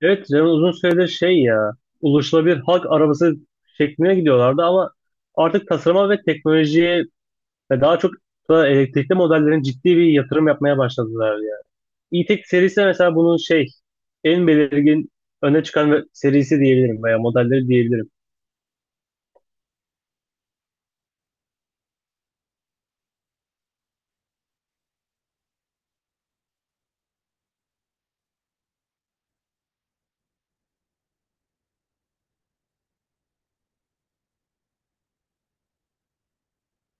Evet, Cem uzun süredir şey ya, ulaşılabilir halk arabası şekline gidiyorlardı ama artık tasarıma ve teknolojiye ve daha çok da elektrikli modellerin ciddi bir yatırım yapmaya başladılar ya. E-tech serisi mesela bunun şey, en belirgin öne çıkan serisi diyebilirim veya modelleri diyebilirim.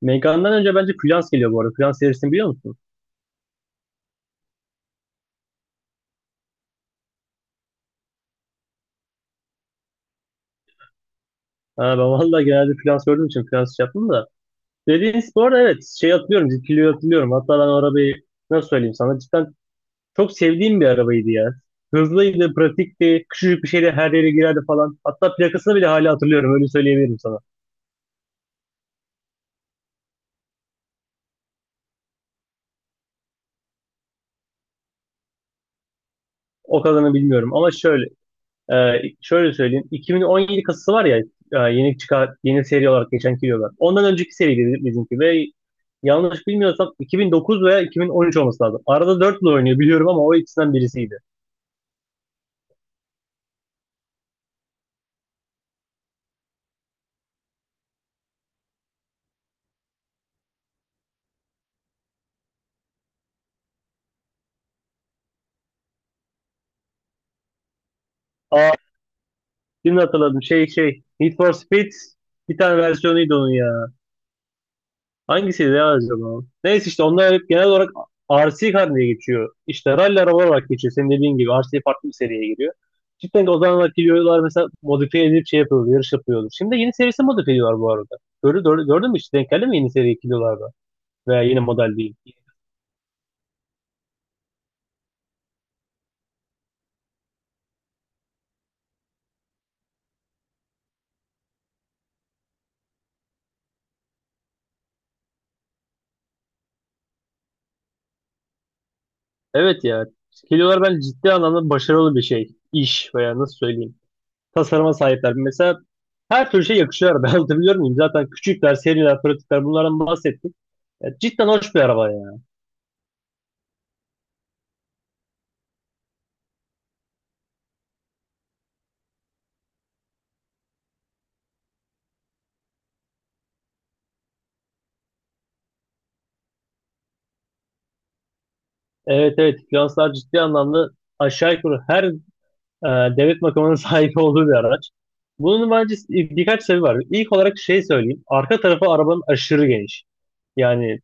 Meggane'dan önce bence Fluence geliyor bu arada. Fluence serisini biliyor musun? Ha, ben vallahi genelde Fluence gördüğüm için Fluence şey yaptım da. Dediğiniz bu arada evet, şey hatırlıyorum, Zipilio'yu hatırlıyorum. Hatta ben o arabayı nasıl söyleyeyim sana, cidden çok sevdiğim bir arabaydı ya. Hızlıydı, pratikti, küçücük bir şeyle her yere girerdi falan. Hatta plakasını bile hala hatırlıyorum, öyle söyleyebilirim sana. O kadarını bilmiyorum ama e, şöyle söyleyeyim. 2017 kasası var ya, yeni çıkar, yeni seri olarak geçen diyorlar. Ondan önceki seriydi bizimki ve yanlış bilmiyorsam 2009 veya 2013 olması lazım. Arada 4 yıl oynuyor biliyorum ama o ikisinden birisiydi. Aa, şimdi hatırladım. Need for Speed bir tane versiyonuydu onun ya. Hangisiydi ya acaba? Neyse işte onlar hep genel olarak RC kar diye geçiyor. İşte rally araba olarak geçiyor. Senin dediğin gibi RC farklı bir seriye giriyor. Cidden o zamanlar geliyorlar mesela modifiye edip şey yapıyordu, yarış yapıyordu. Şimdi yeni serisi modifiye ediyorlar bu arada. Gördün mü hiç? Denk geldi mi yeni seri kilolarda veya yeni model değil. Evet ya. Kilolar bence ciddi anlamda başarılı bir şey. İş veya nasıl söyleyeyim. Tasarıma sahipler. Mesela her türlü şey yakışıyor araba. Anlatabiliyor muyum? Zaten küçükler, seriler, pratikler bunlardan bahsettik. Ya cidden hoş bir araba ya. Evet evet finanslar ciddi anlamda aşağı yukarı her devlet makamının sahip olduğu bir araç. Bunun bence birkaç sebebi var. İlk olarak şey söyleyeyim. Arka tarafı arabanın aşırı geniş. Yani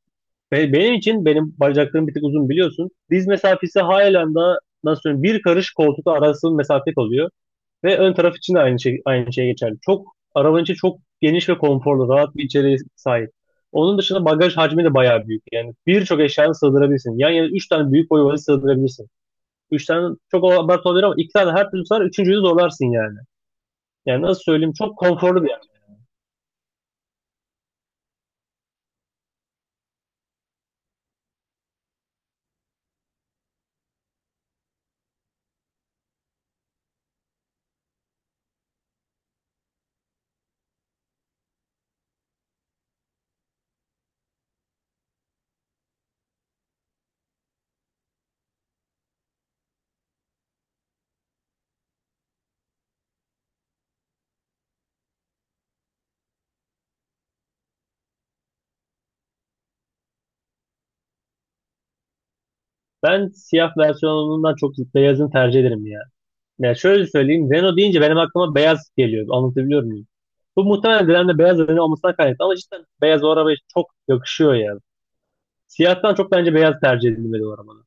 benim için benim bacaklarım bir tık uzun biliyorsun. Diz mesafesi halen daha nasıl söyleyeyim bir karış koltuk arası mesafe kalıyor. Ve ön taraf için de aynı şey geçerli. Çok arabanın içi çok geniş ve konforlu, rahat bir içeriğe sahip. Onun dışında bagaj hacmi de bayağı büyük. Yani birçok eşyanı sığdırabilirsin. Yan yana 3 tane büyük boy valiz sığdırabilirsin. 3 tane çok abartı olabilir ama 2 tane her türlü sığar, üçüncüyü zorlarsın yani. Yani nasıl söyleyeyim çok konforlu bir yer. Ben siyah versiyonundan çok beyazını tercih ederim yani. Yani şöyle söyleyeyim Renault deyince benim aklıma beyaz geliyor. Anlatabiliyor muyum? Bu muhtemelen Dilan'da beyaz Renault olmasına kaynaklı ama cidden beyaz o arabaya çok yakışıyor ya. Siyahtan çok bence beyaz tercih edilmeli o arabada.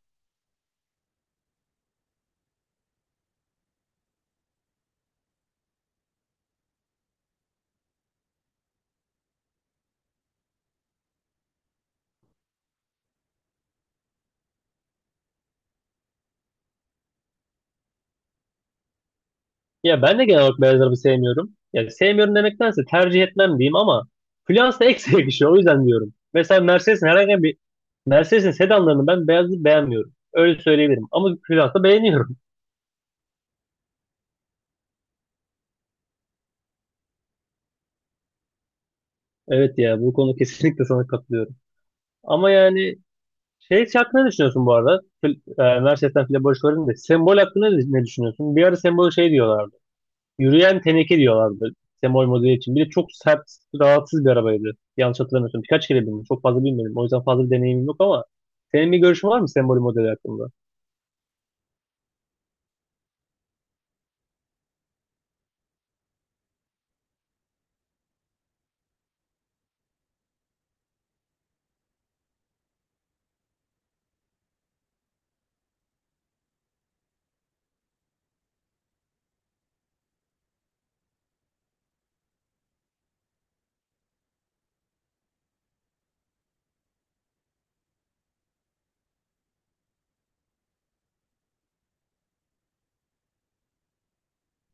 Ya ben de genel olarak beyaz araba sevmiyorum. Ya sevmiyorum demektense tercih etmem diyeyim ama Fluence da eksi yakışıyor. O yüzden diyorum. Mesela Mercedes'in herhangi bir Mercedes'in sedanlarını ben beyazı beğenmiyorum. Öyle söyleyebilirim. Ama Fluence'ı beğeniyorum. Evet ya bu konu kesinlikle sana katılıyorum. Ama yani şey hakkında ne düşünüyorsun bu arada? Mercedes'ten Fila Barış Varın da sembol hakkında ne düşünüyorsun? Bir ara sembol şey diyorlar. Yürüyen teneke diyorlardı. Semol modeli için. Bir de çok sert, rahatsız bir arabaydı. Yanlış hatırlamıyorsam. Birkaç kere bindim. Çok fazla bilmedim. O yüzden fazla bir deneyimim yok ama senin bir görüşün var mı Sembol modeli hakkında?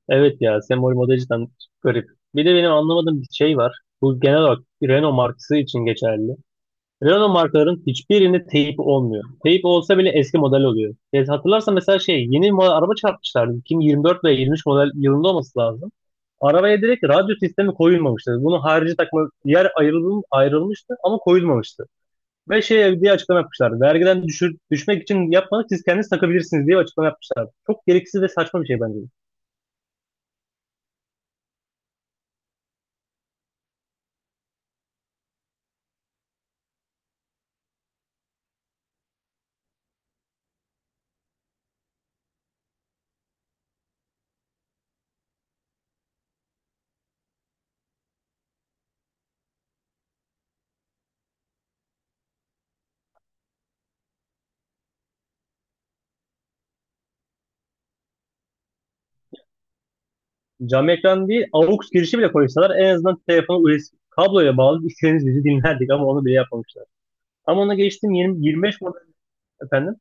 Evet ya Sembol modeli cidden garip. Bir de benim anlamadığım bir şey var. Bu genel olarak Renault markası için geçerli. Renault markaların hiçbirinde teyip olmuyor. Teyip olsa bile eski model oluyor. Hatırlarsan mesela şey yeni model araba çarpmışlardı. 2024 veya 23 model yılında olması lazım. Arabaya direkt radyo sistemi koyulmamıştı. Bunun harici takma yer ayrılmıştı ama koyulmamıştı. Ve şey diye açıklama yapmışlardı. Vergiden düşmek için yapmadık siz kendiniz takabilirsiniz diye açıklama yapmışlardı. Çok gereksiz ve saçma bir şey bence. Cam ekran değil AUX girişi bile koysalar en azından telefonu USB kabloyla bağlı istediğiniz bizi dinlerdik ama onu bile yapmamışlar. Ama ona geçtim 20, 25 model efendim.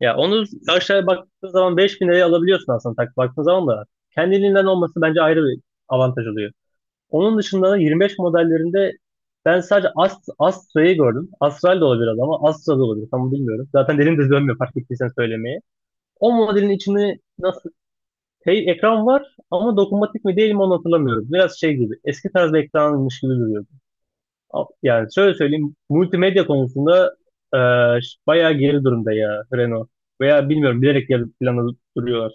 Ya onu aşağıya baktığın zaman 5.000 liraya alabiliyorsun aslında tak baktığın zaman da. Kendiliğinden olması bence ayrı bir avantaj oluyor. Onun dışında da 25 modellerinde ben sadece Astra'yı gördüm. Astral de olabilir ama Astra da olabilir. Tam bilmiyorum. Zaten dilim de dönmüyor fark ettiysen söylemeye. O modelin içinde nasıl hey, ekran var ama dokunmatik mi değil mi onu hatırlamıyorum. Biraz şey gibi eski tarz bir ekranmış gibi duruyor. Yani şöyle söyleyeyim, multimedya konusunda e, bayağı geri durumda ya Renault. Veya bilmiyorum bilerek geri plana duruyorlar.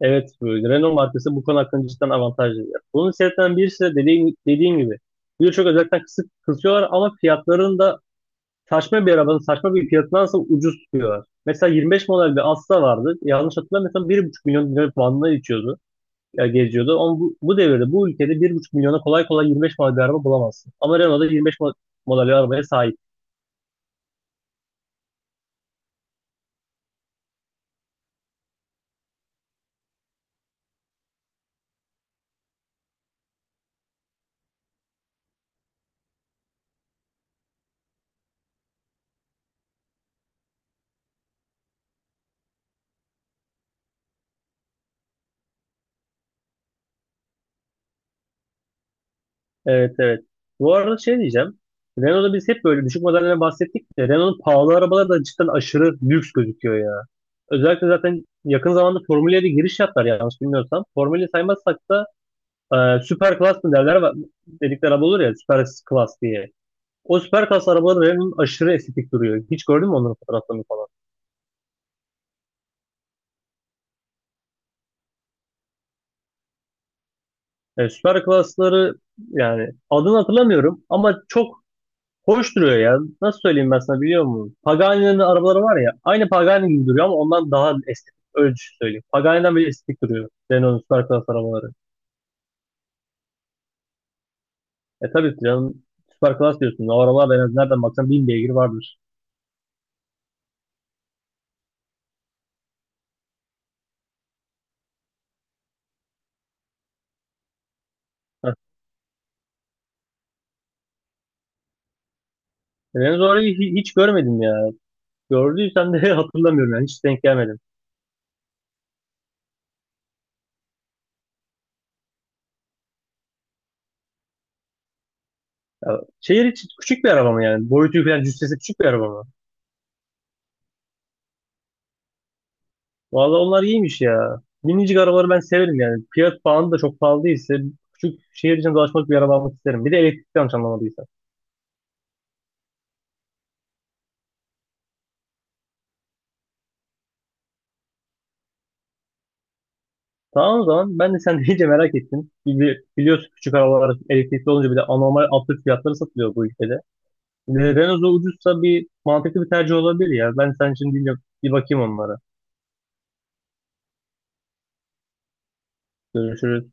Evet, böyle Renault markası bu konu hakkında cidden avantajlı. Bunun sebeplerinden birisi de dediğim gibi birçok özellikten kısıyorlar ama fiyatlarını da saçma bir arabanın saçma bir fiyatındansa ucuz tutuyorlar. Mesela 25 model bir Asla vardı. Yanlış hatırlamıyorsam 1,5 milyon lira bandına içiyordu, ya geziyordu. Ama bu devirde bu ülkede 1,5 milyona kolay kolay 25 model bir araba bulamazsın. Ama Renault'da 25 model bir arabaya sahip. Evet evet. Bu arada şey diyeceğim. Renault'da biz hep böyle düşük modellerden bahsettik de Renault'un pahalı arabaları da cidden aşırı lüks gözüküyor ya. Özellikle zaten yakın zamanda Formula'ya da giriş yaptılar yanlış bilmiyorsam. Formula'yı saymazsak da süper klas mı derler dedikleri araba olur ya süper klas diye. O süper klas arabaları Renault'un aşırı estetik duruyor. Hiç gördün mü onların fotoğraflarını falan? Süper Klasları yani adını hatırlamıyorum ama çok hoş duruyor ya. Nasıl söyleyeyim ben sana biliyor musun? Pagani'nin arabaları var ya aynı Pagani gibi duruyor ama ondan daha estetik. Öyle söyleyeyim. Pagani'den bile estetik duruyor. Renault'un Süper Klas arabaları. E tabii ki canım Süper Klas diyorsun. O arabalar en az nereden baksan 1.000 beygir vardır. Heh. Renault'u orayı hiç görmedim ya. Gördüysem de hatırlamıyorum yani hiç denk gelmedim. Ya, şehir için küçük bir araba mı yani? Boyutu falan cüssesi küçük bir araba mı? Valla onlar iyiymiş ya. Minicik arabaları ben severim yani. Fiyat pahalı da çok pahalı değilse küçük şehir için dolaşmak bir araba almak isterim. Bir de elektrikli yanlış anlamadıysa. Tamam o zaman ben de sen deyince merak ettim. Biliyorsun küçük arabalar elektrikli olunca bir de anormal absürt fiyatları satılıyor bu ülkede. Bir de Renault'u ucuzsa bir mantıklı bir tercih olabilir ya. Ben sen şimdi bir bakayım onlara. Görüşürüz.